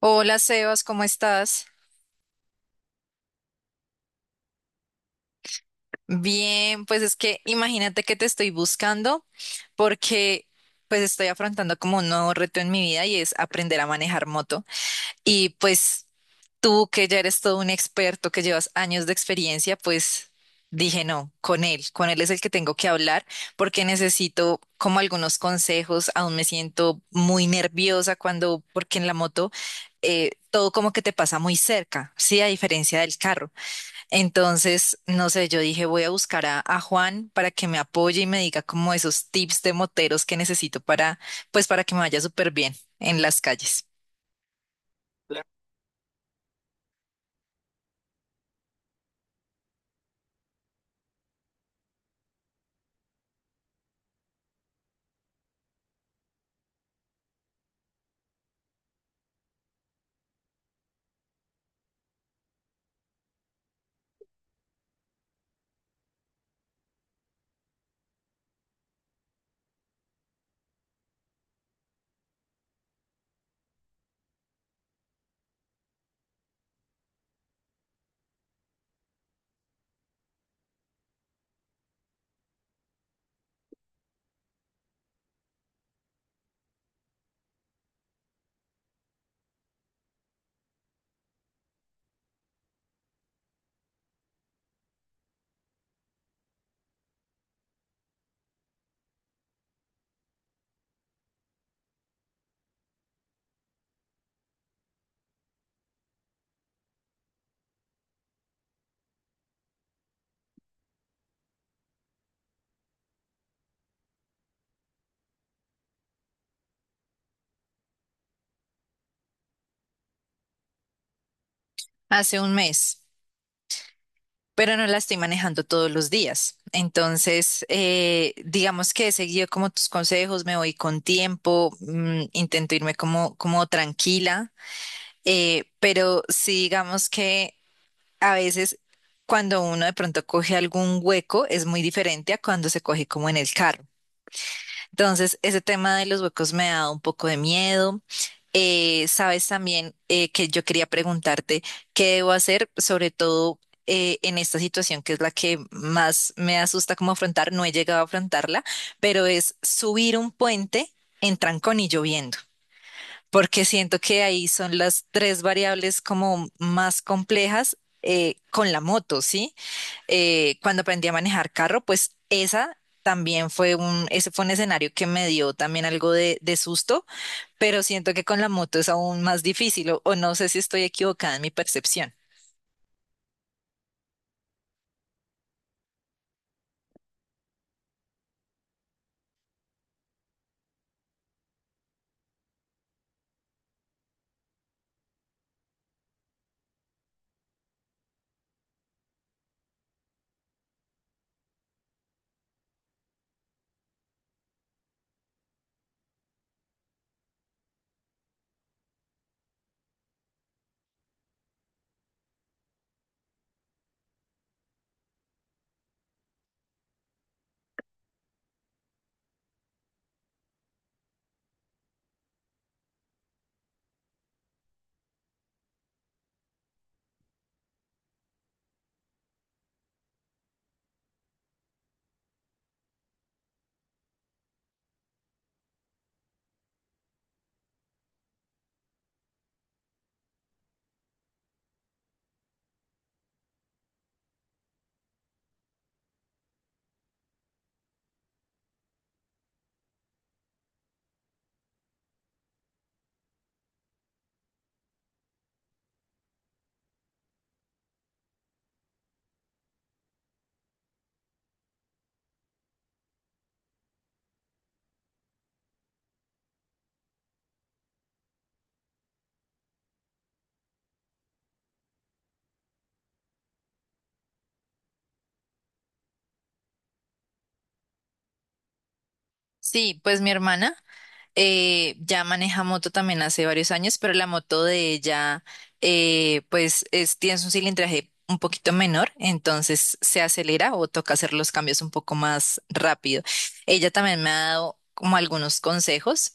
Hola Sebas, ¿cómo estás? Bien, pues es que imagínate que te estoy buscando porque pues estoy afrontando como un nuevo reto en mi vida y es aprender a manejar moto. Y pues tú que ya eres todo un experto, que llevas años de experiencia, pues dije no, con él es el que tengo que hablar porque necesito como algunos consejos, aún me siento muy nerviosa cuando, porque en la moto todo como que te pasa muy cerca, sí, a diferencia del carro. Entonces, no sé, yo dije, voy a buscar a Juan para que me apoye y me diga como esos tips de moteros que necesito para, pues para que me vaya súper bien en las calles. Hace un mes, pero no la estoy manejando todos los días. Entonces, digamos que he seguido como tus consejos, me voy con tiempo, intento irme como, como tranquila, pero sí digamos que a veces cuando uno de pronto coge algún hueco es muy diferente a cuando se coge como en el carro. Entonces, ese tema de los huecos me ha dado un poco de miedo. Sabes también que yo quería preguntarte qué debo hacer, sobre todo en esta situación que es la que más me asusta como afrontar. No he llegado a afrontarla, pero es subir un puente en trancón y lloviendo, porque siento que ahí son las tres variables como más complejas con la moto, ¿sí? Cuando aprendí a manejar carro, pues esa también ese fue un escenario que me dio también algo de susto, pero siento que con la moto es aún más difícil o no sé si estoy equivocada en mi percepción. Sí, pues mi hermana ya maneja moto también hace varios años, pero la moto de ella tiene un cilindraje un poquito menor, entonces se acelera o toca hacer los cambios un poco más rápido. Ella también me ha dado como algunos consejos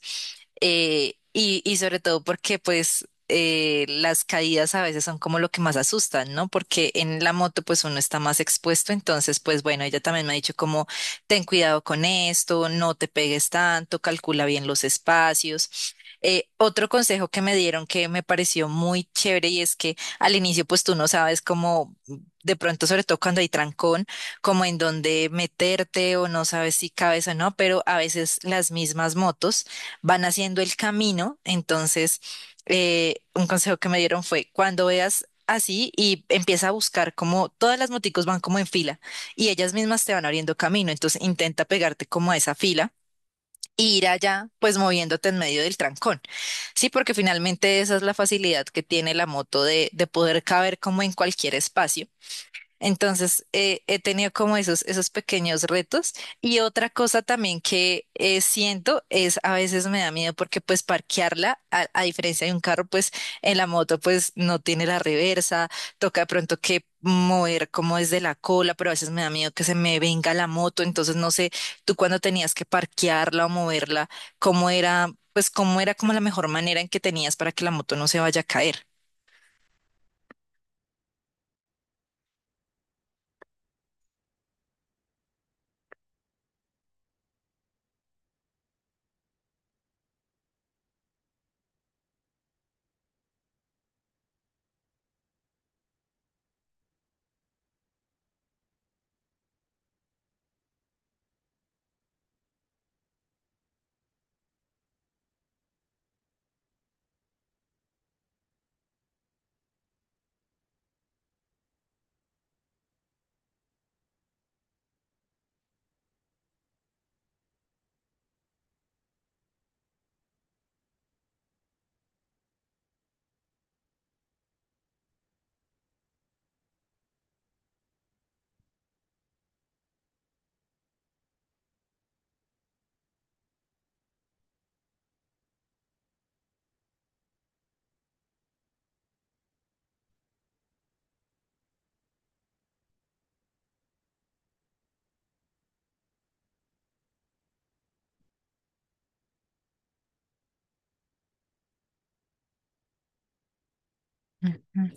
y sobre todo porque pues las caídas a veces son como lo que más asustan, ¿no? Porque en la moto pues uno está más expuesto, entonces pues bueno, ella también me ha dicho como ten cuidado con esto, no te pegues tanto, calcula bien los espacios. Otro consejo que me dieron que me pareció muy chévere y es que al inicio pues tú no sabes cómo de pronto, sobre todo cuando hay trancón, como en dónde meterte o no sabes si cabes o no, pero a veces las mismas motos van haciendo el camino. Entonces, un consejo que me dieron fue cuando veas así y empieza a buscar como todas las moticos van como en fila y ellas mismas te van abriendo camino. Entonces intenta pegarte como a esa fila e ir allá, pues moviéndote en medio del trancón. Sí, porque finalmente esa es la facilidad que tiene la moto de poder caber como en cualquier espacio. Entonces, he tenido como esos pequeños retos. Y otra cosa también que siento es a veces me da miedo porque pues parquearla, a diferencia de un carro, pues en la moto pues no tiene la reversa, toca de pronto que mover como desde la cola, pero a veces me da miedo que se me venga la moto. Entonces, no sé, tú cuando tenías que parquearla o moverla, ¿cómo era, pues cómo era como la mejor manera en que tenías para que la moto no se vaya a caer? Mm.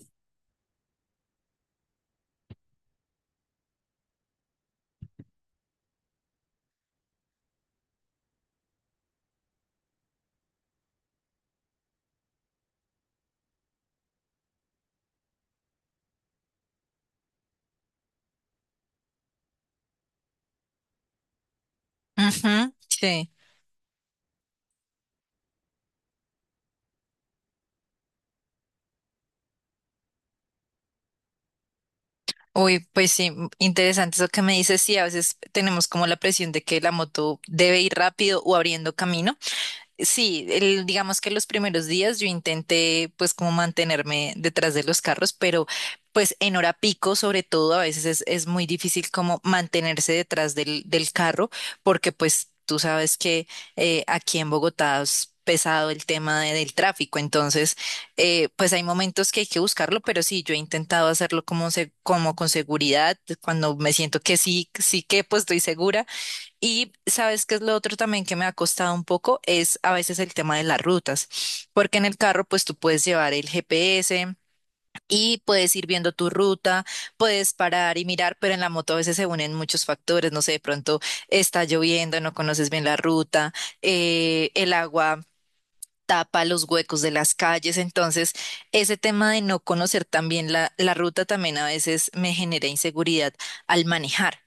Ujú, sí. Uy, pues sí, interesante eso que me dices. Sí, a veces tenemos como la presión de que la moto debe ir rápido o abriendo camino. Sí, digamos que los primeros días yo intenté pues como mantenerme detrás de los carros, pero pues en hora pico sobre todo a veces es muy difícil como mantenerse detrás del carro porque pues tú sabes que aquí en Bogotá es pesado el tema del tráfico, entonces pues hay momentos que hay que buscarlo, pero sí, yo he intentado hacerlo como, como con seguridad, cuando me siento que sí, sí que pues estoy segura y sabes qué es lo otro también que me ha costado un poco, es a veces el tema de las rutas, porque en el carro pues tú puedes llevar el GPS y puedes ir viendo tu ruta, puedes parar y mirar, pero en la moto a veces se unen muchos factores, no sé, de pronto está lloviendo, no conoces bien la ruta, el agua tapa los huecos de las calles, entonces ese tema de no conocer también la ruta también a veces me genera inseguridad al manejar.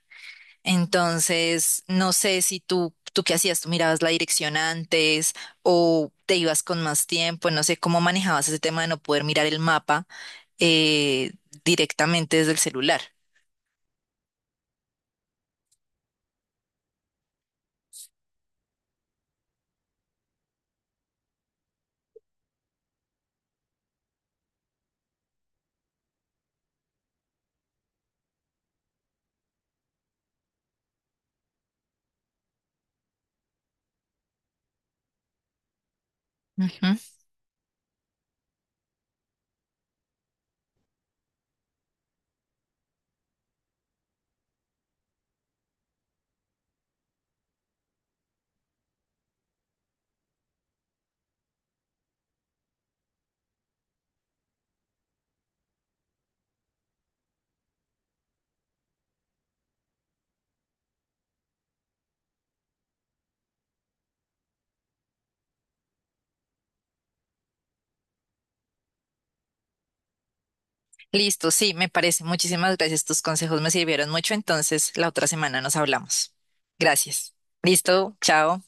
Entonces, no sé si tú qué hacías, tú mirabas la dirección antes o te ibas con más tiempo, no sé cómo manejabas ese tema de no poder mirar el mapa eh, directamente desde el celular. Ujú. Listo, sí, me parece. Muchísimas gracias. Tus consejos me sirvieron mucho. Entonces, la otra semana nos hablamos. Gracias. Listo, chao.